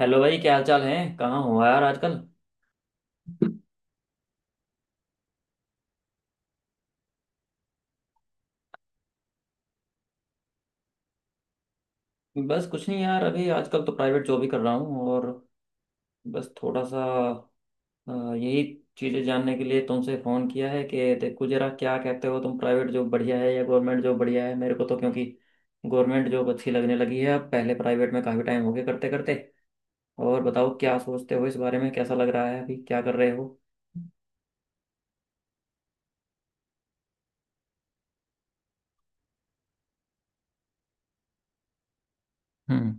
Hello भाई, क्या हाल चाल है। कहाँ हो यार आजकल। बस कुछ नहीं यार, अभी आजकल तो प्राइवेट जॉब ही कर रहा हूँ। और बस थोड़ा सा यही चीज़ें जानने के लिए तुमसे फ़ोन किया है कि देखो जरा क्या कहते हो, तुम प्राइवेट जॉब बढ़िया है या गवर्नमेंट जॉब बढ़िया है। मेरे को तो क्योंकि गवर्नमेंट जॉब अच्छी लगने लगी है अब, पहले प्राइवेट में काफ़ी टाइम हो गया करते करते। और बताओ क्या सोचते हो इस बारे में, कैसा लग रहा है अभी, क्या कर रहे हो। हम्म।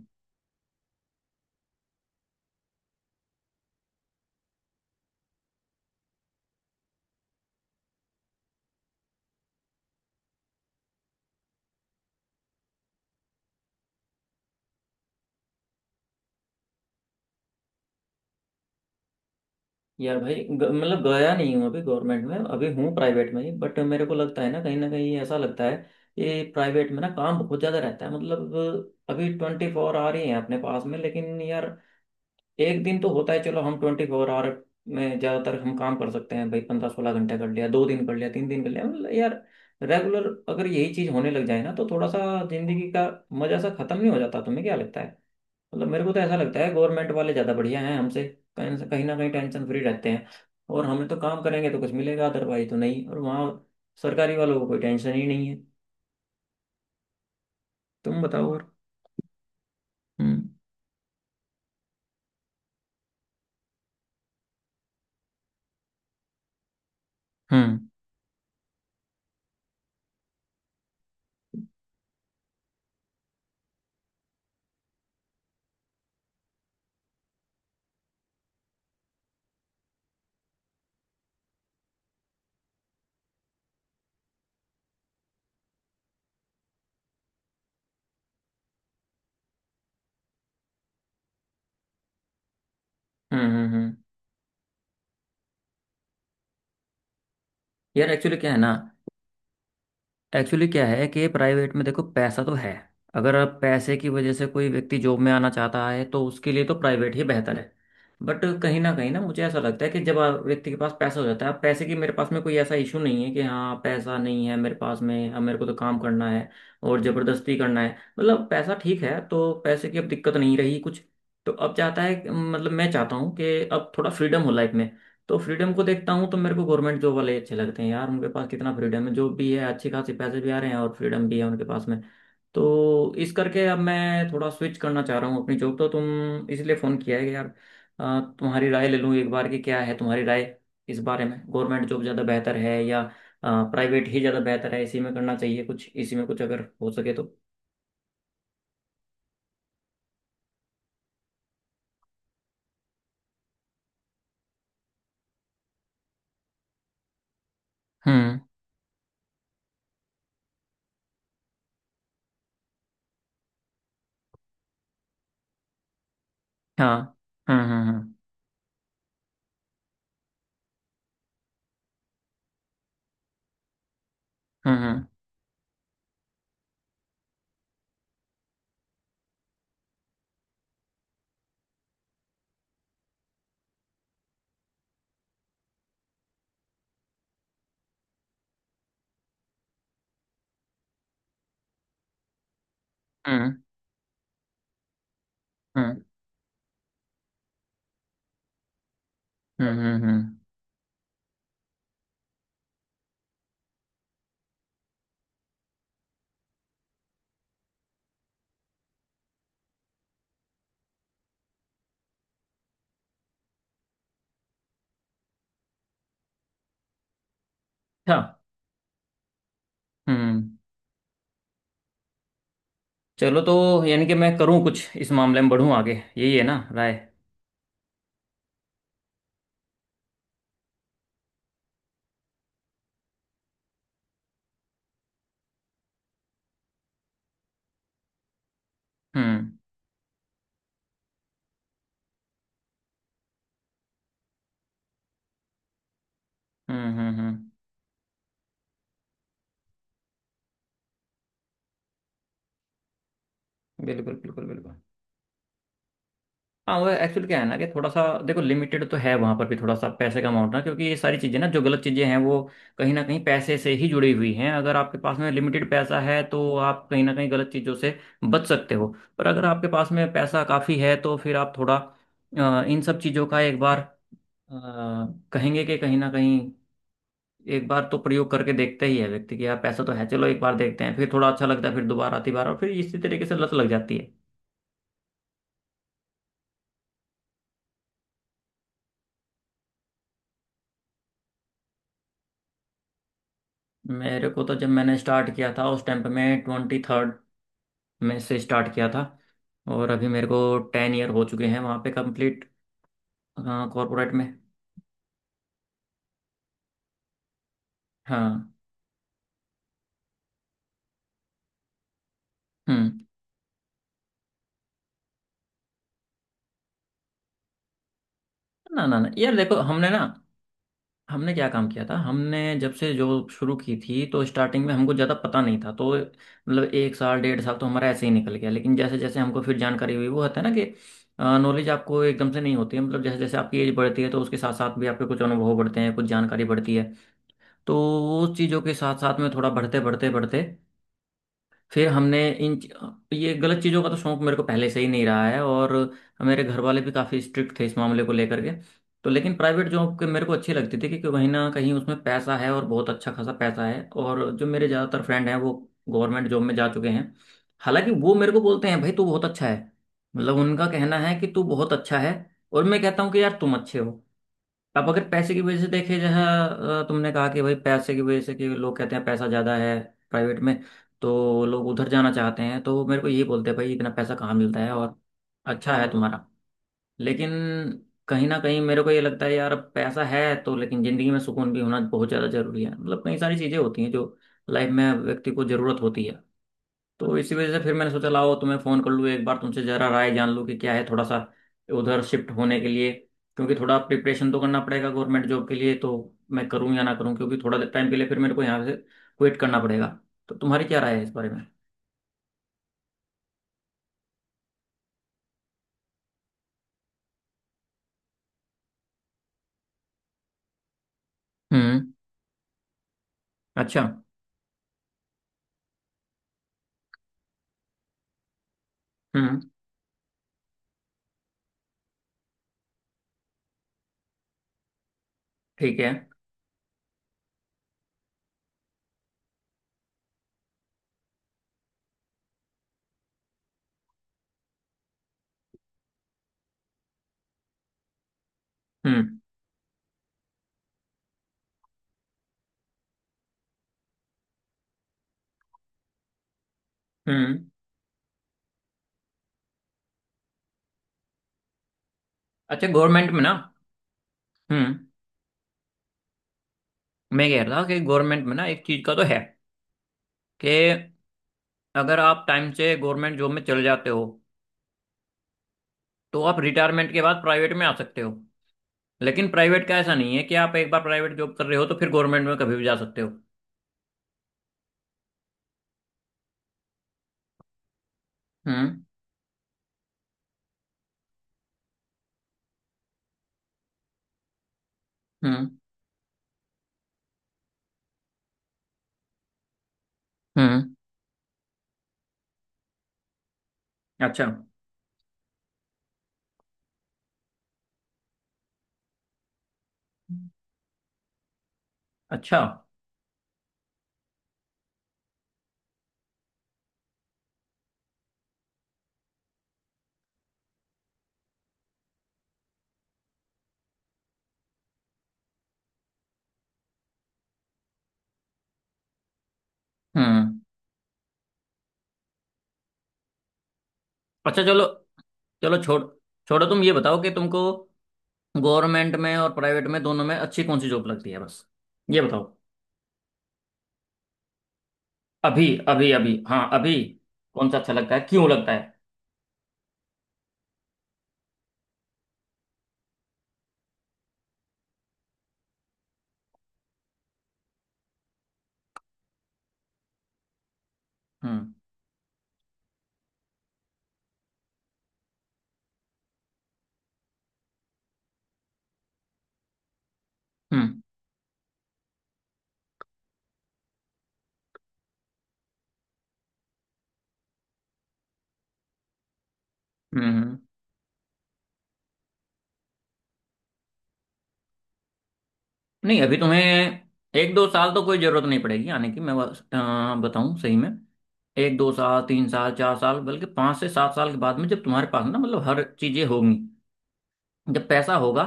यार भाई मतलब गया नहीं हूँ अभी गवर्नमेंट में, अभी हूँ प्राइवेट में ही, बट मेरे को लगता है ना, कहीं ना कहीं ऐसा लगता है कि प्राइवेट में ना काम बहुत ज़्यादा रहता है। मतलब अभी ट्वेंटी फोर आवर ही है अपने पास में, लेकिन यार एक दिन तो होता है, चलो हम ट्वेंटी फोर आवर में ज़्यादातर हम काम कर सकते हैं भाई, पंद्रह सोलह घंटे कर लिया, दो दिन कर लिया, तीन दिन कर लिया, मतलब यार रेगुलर अगर यही चीज़ होने लग जाए ना, तो थोड़ा सा जिंदगी का मज़ा सा खत्म नहीं हो जाता, तुम्हें क्या लगता है। मतलब मेरे को तो ऐसा लगता है गवर्नमेंट वाले ज़्यादा बढ़िया हैं हमसे, कहीं कहीं ना कहीं टेंशन फ्री रहते हैं। और हमें तो काम करेंगे तो कुछ मिलेगा, अदरवाइज तो नहीं। और वहाँ सरकारी वालों को कोई टेंशन ही नहीं है। तुम बताओ और। हम्म हम्म हम्म हम्म हम्म। यार एक्चुअली क्या है ना, एक्चुअली क्या है कि प्राइवेट में देखो पैसा तो है। अगर आप पैसे की वजह से, कोई व्यक्ति जॉब में आना चाहता है तो उसके लिए तो प्राइवेट ही बेहतर है। बट कहीं ना मुझे ऐसा लगता है कि जब व्यक्ति के पास पैसा हो जाता है, अब पैसे की मेरे पास में कोई ऐसा इशू नहीं है कि हाँ पैसा नहीं है मेरे पास में, अब मेरे को तो काम करना है और ज़बरदस्ती करना है। मतलब पैसा ठीक है, तो पैसे की अब दिक्कत नहीं रही कुछ। तो अब चाहता है, मतलब मैं चाहता हूँ कि अब थोड़ा फ्रीडम हो लाइफ में। तो फ्रीडम को देखता हूँ तो मेरे को गवर्नमेंट जॉब वाले ही अच्छे लगते हैं यार, उनके पास कितना फ्रीडम है, जो भी है अच्छी खासी पैसे भी आ रहे हैं और फ्रीडम भी है उनके पास में। तो इस करके अब मैं थोड़ा स्विच करना चाह रहा हूँ अपनी जॉब, तो तुम इसलिए फ़ोन किया है कि यार तुम्हारी राय ले लूँ एक बार, कि क्या है तुम्हारी राय इस बारे में, गवर्नमेंट जॉब ज़्यादा बेहतर है या प्राइवेट ही ज़्यादा बेहतर है, इसी में करना चाहिए कुछ, इसी में कुछ अगर हो सके तो। हम्म। हाँ। हम्म। हम्म हम्म हम्म हम्म। अच्छा चलो, तो यानी कि मैं करूँ कुछ इस मामले में, बढ़ूँ आगे, यही है ना राय। हम्म हम्म। बिल्कुल बिल्कुल बिल्कुल। हाँ वो एक्चुअली क्या है ना, कि थोड़ा सा देखो लिमिटेड तो है वहाँ पर भी थोड़ा सा पैसे का अमाउंट ना, क्योंकि ये सारी चीज़ें ना, जो गलत चीज़ें हैं वो कहीं ना कहीं पैसे से ही जुड़ी हुई हैं। अगर आपके पास में लिमिटेड पैसा है तो आप कहीं ना कहीं गलत चीज़ों से बच सकते हो। पर अगर आपके पास में पैसा काफ़ी है तो फिर आप थोड़ा इन सब चीज़ों का एक बार अ, कहेंगे कि कहीं ना कहीं एक बार तो प्रयोग करके देखता ही है व्यक्ति, कि यार पैसा तो है चलो एक बार देखते हैं, फिर थोड़ा अच्छा लगता है, फिर दोबारा आती बार, और फिर इसी तरीके से लत लग जाती है। मेरे को तो जब मैंने स्टार्ट किया था उस टाइम पे मैं ट्वेंटी थर्ड में से स्टार्ट किया था, और अभी मेरे को टेन ईयर हो चुके हैं वहाँ पे कंप्लीट कॉरपोरेट में। हाँ। हम्म। ना ना ना यार देखो, हमने ना, हमने क्या काम किया था, हमने जब से जॉब शुरू की थी तो स्टार्टिंग में हमको ज़्यादा पता नहीं था, तो मतलब एक साल डेढ़ साल तो हमारा ऐसे ही निकल गया। लेकिन जैसे जैसे हमको फिर जानकारी हुई, वो होता है ना कि नॉलेज आपको एकदम से नहीं होती है, मतलब जैसे जैसे आपकी एज बढ़ती है तो उसके साथ साथ भी आपके कुछ अनुभव बढ़ते हैं, कुछ जानकारी बढ़ती है। तो उस चीज़ों के साथ साथ में थोड़ा बढ़ते बढ़ते बढ़ते फिर हमने इन ये गलत चीज़ों का तो शौक मेरे को पहले से ही नहीं रहा है, और मेरे घर वाले भी काफ़ी स्ट्रिक्ट थे इस मामले को लेकर के। तो लेकिन प्राइवेट जॉब के मेरे को अच्छी लगती थी, क्योंकि कहीं ना कहीं उसमें पैसा है और बहुत अच्छा खासा पैसा है। और जो मेरे ज़्यादातर फ्रेंड हैं वो गवर्नमेंट जॉब में जा चुके हैं। हालांकि वो मेरे को बोलते हैं भाई तू बहुत अच्छा है, मतलब उनका कहना है कि तू बहुत अच्छा है। और मैं कहता हूँ कि यार तुम अच्छे हो। अब अगर पैसे की वजह से देखे, जहाँ तुमने कहा कि भाई पैसे की वजह से कि लोग कहते हैं पैसा ज़्यादा है प्राइवेट में, तो लोग उधर जाना चाहते हैं, तो मेरे को यही बोलते हैं भाई इतना पैसा कहाँ मिलता है, और अच्छा है तुम्हारा। लेकिन कहीं ना कहीं मेरे को ये लगता है यार, अब पैसा है तो, लेकिन ज़िंदगी में सुकून भी होना बहुत ज़्यादा ज़रूरी है। मतलब कई सारी चीज़ें होती हैं जो लाइफ में व्यक्ति को ज़रूरत होती है। तो इसी वजह से फिर मैंने सोचा लाओ तुम्हें फ़ोन कर लूँ एक बार, तुमसे ज़रा राय जान लूँ कि क्या है, थोड़ा सा उधर शिफ्ट होने के लिए, क्योंकि थोड़ा प्रिपरेशन तो करना पड़ेगा गवर्नमेंट जॉब के लिए। तो मैं करूँ या ना करूँ, क्योंकि थोड़ा टाइम के लिए फिर मेरे को यहाँ से क्विट करना पड़ेगा। तो तुम्हारी क्या राय है इस बारे में। हम्म। अच्छा। हम्म। ठीक है। हम्म हम्म। अच्छा गवर्नमेंट में ना, हम्म, मैं कह रहा था कि गवर्नमेंट में ना एक चीज़ का तो है कि अगर आप टाइम से गवर्नमेंट जॉब में चले जाते हो तो आप रिटायरमेंट के बाद प्राइवेट में आ सकते हो, लेकिन प्राइवेट का ऐसा नहीं है कि आप एक बार प्राइवेट जॉब कर रहे हो तो फिर गवर्नमेंट में कभी भी जा सकते हो। हम्म हम्म हम्म। अच्छा। अच्छा। हम्म। अच्छा चलो, चलो छोड़, छोड़ो तुम ये बताओ कि तुमको गवर्नमेंट में और प्राइवेट में दोनों में अच्छी कौन सी जॉब लगती है, बस ये बताओ। अभी अभी अभी हाँ, अभी कौन सा अच्छा लगता है, क्यों लगता है। हम्म हम्म हम्म। नहीं अभी तुम्हें एक दो साल तो कोई जरूरत नहीं पड़ेगी आने की। मैं बस, बताऊं सही में, एक दो साल, तीन साल, चार साल, बल्कि पाँच से सात साल के बाद में, जब तुम्हारे पास ना मतलब हर चीजें होंगी, जब पैसा होगा,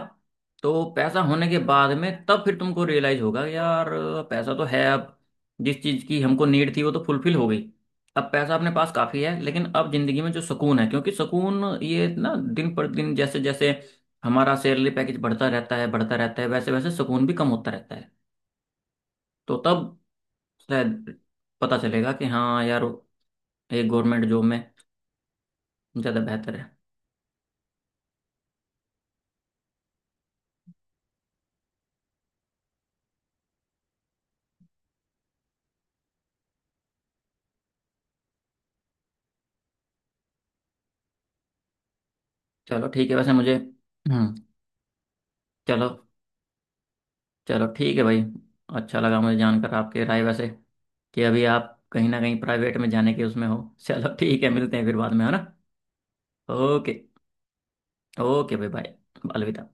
तो पैसा होने के बाद में तब फिर तुमको रियलाइज होगा कि यार पैसा तो है अब, जिस चीज की हमको नीड थी वो तो फुलफिल हो गई, अब पैसा अपने पास काफी है, लेकिन अब जिंदगी में जो सुकून है, क्योंकि सुकून ये ना, दिन पर दिन जैसे जैसे हमारा सैलरी पैकेज बढ़ता रहता है बढ़ता रहता है, वैसे वैसे सुकून भी कम होता रहता है। तो तब शायद पता चलेगा कि हाँ यार, एक गवर्नमेंट जॉब में ज़्यादा बेहतर है। चलो ठीक है, वैसे मुझे, हम्म, चलो चलो ठीक है भाई। अच्छा लगा मुझे जानकर आपके राय, वैसे कि अभी आप कहीं ना कहीं प्राइवेट में जाने के उसमें हो। चलो ठीक है, मिलते हैं फिर बाद में, है ना। ओके। ओके भाई बाय। अलविदा।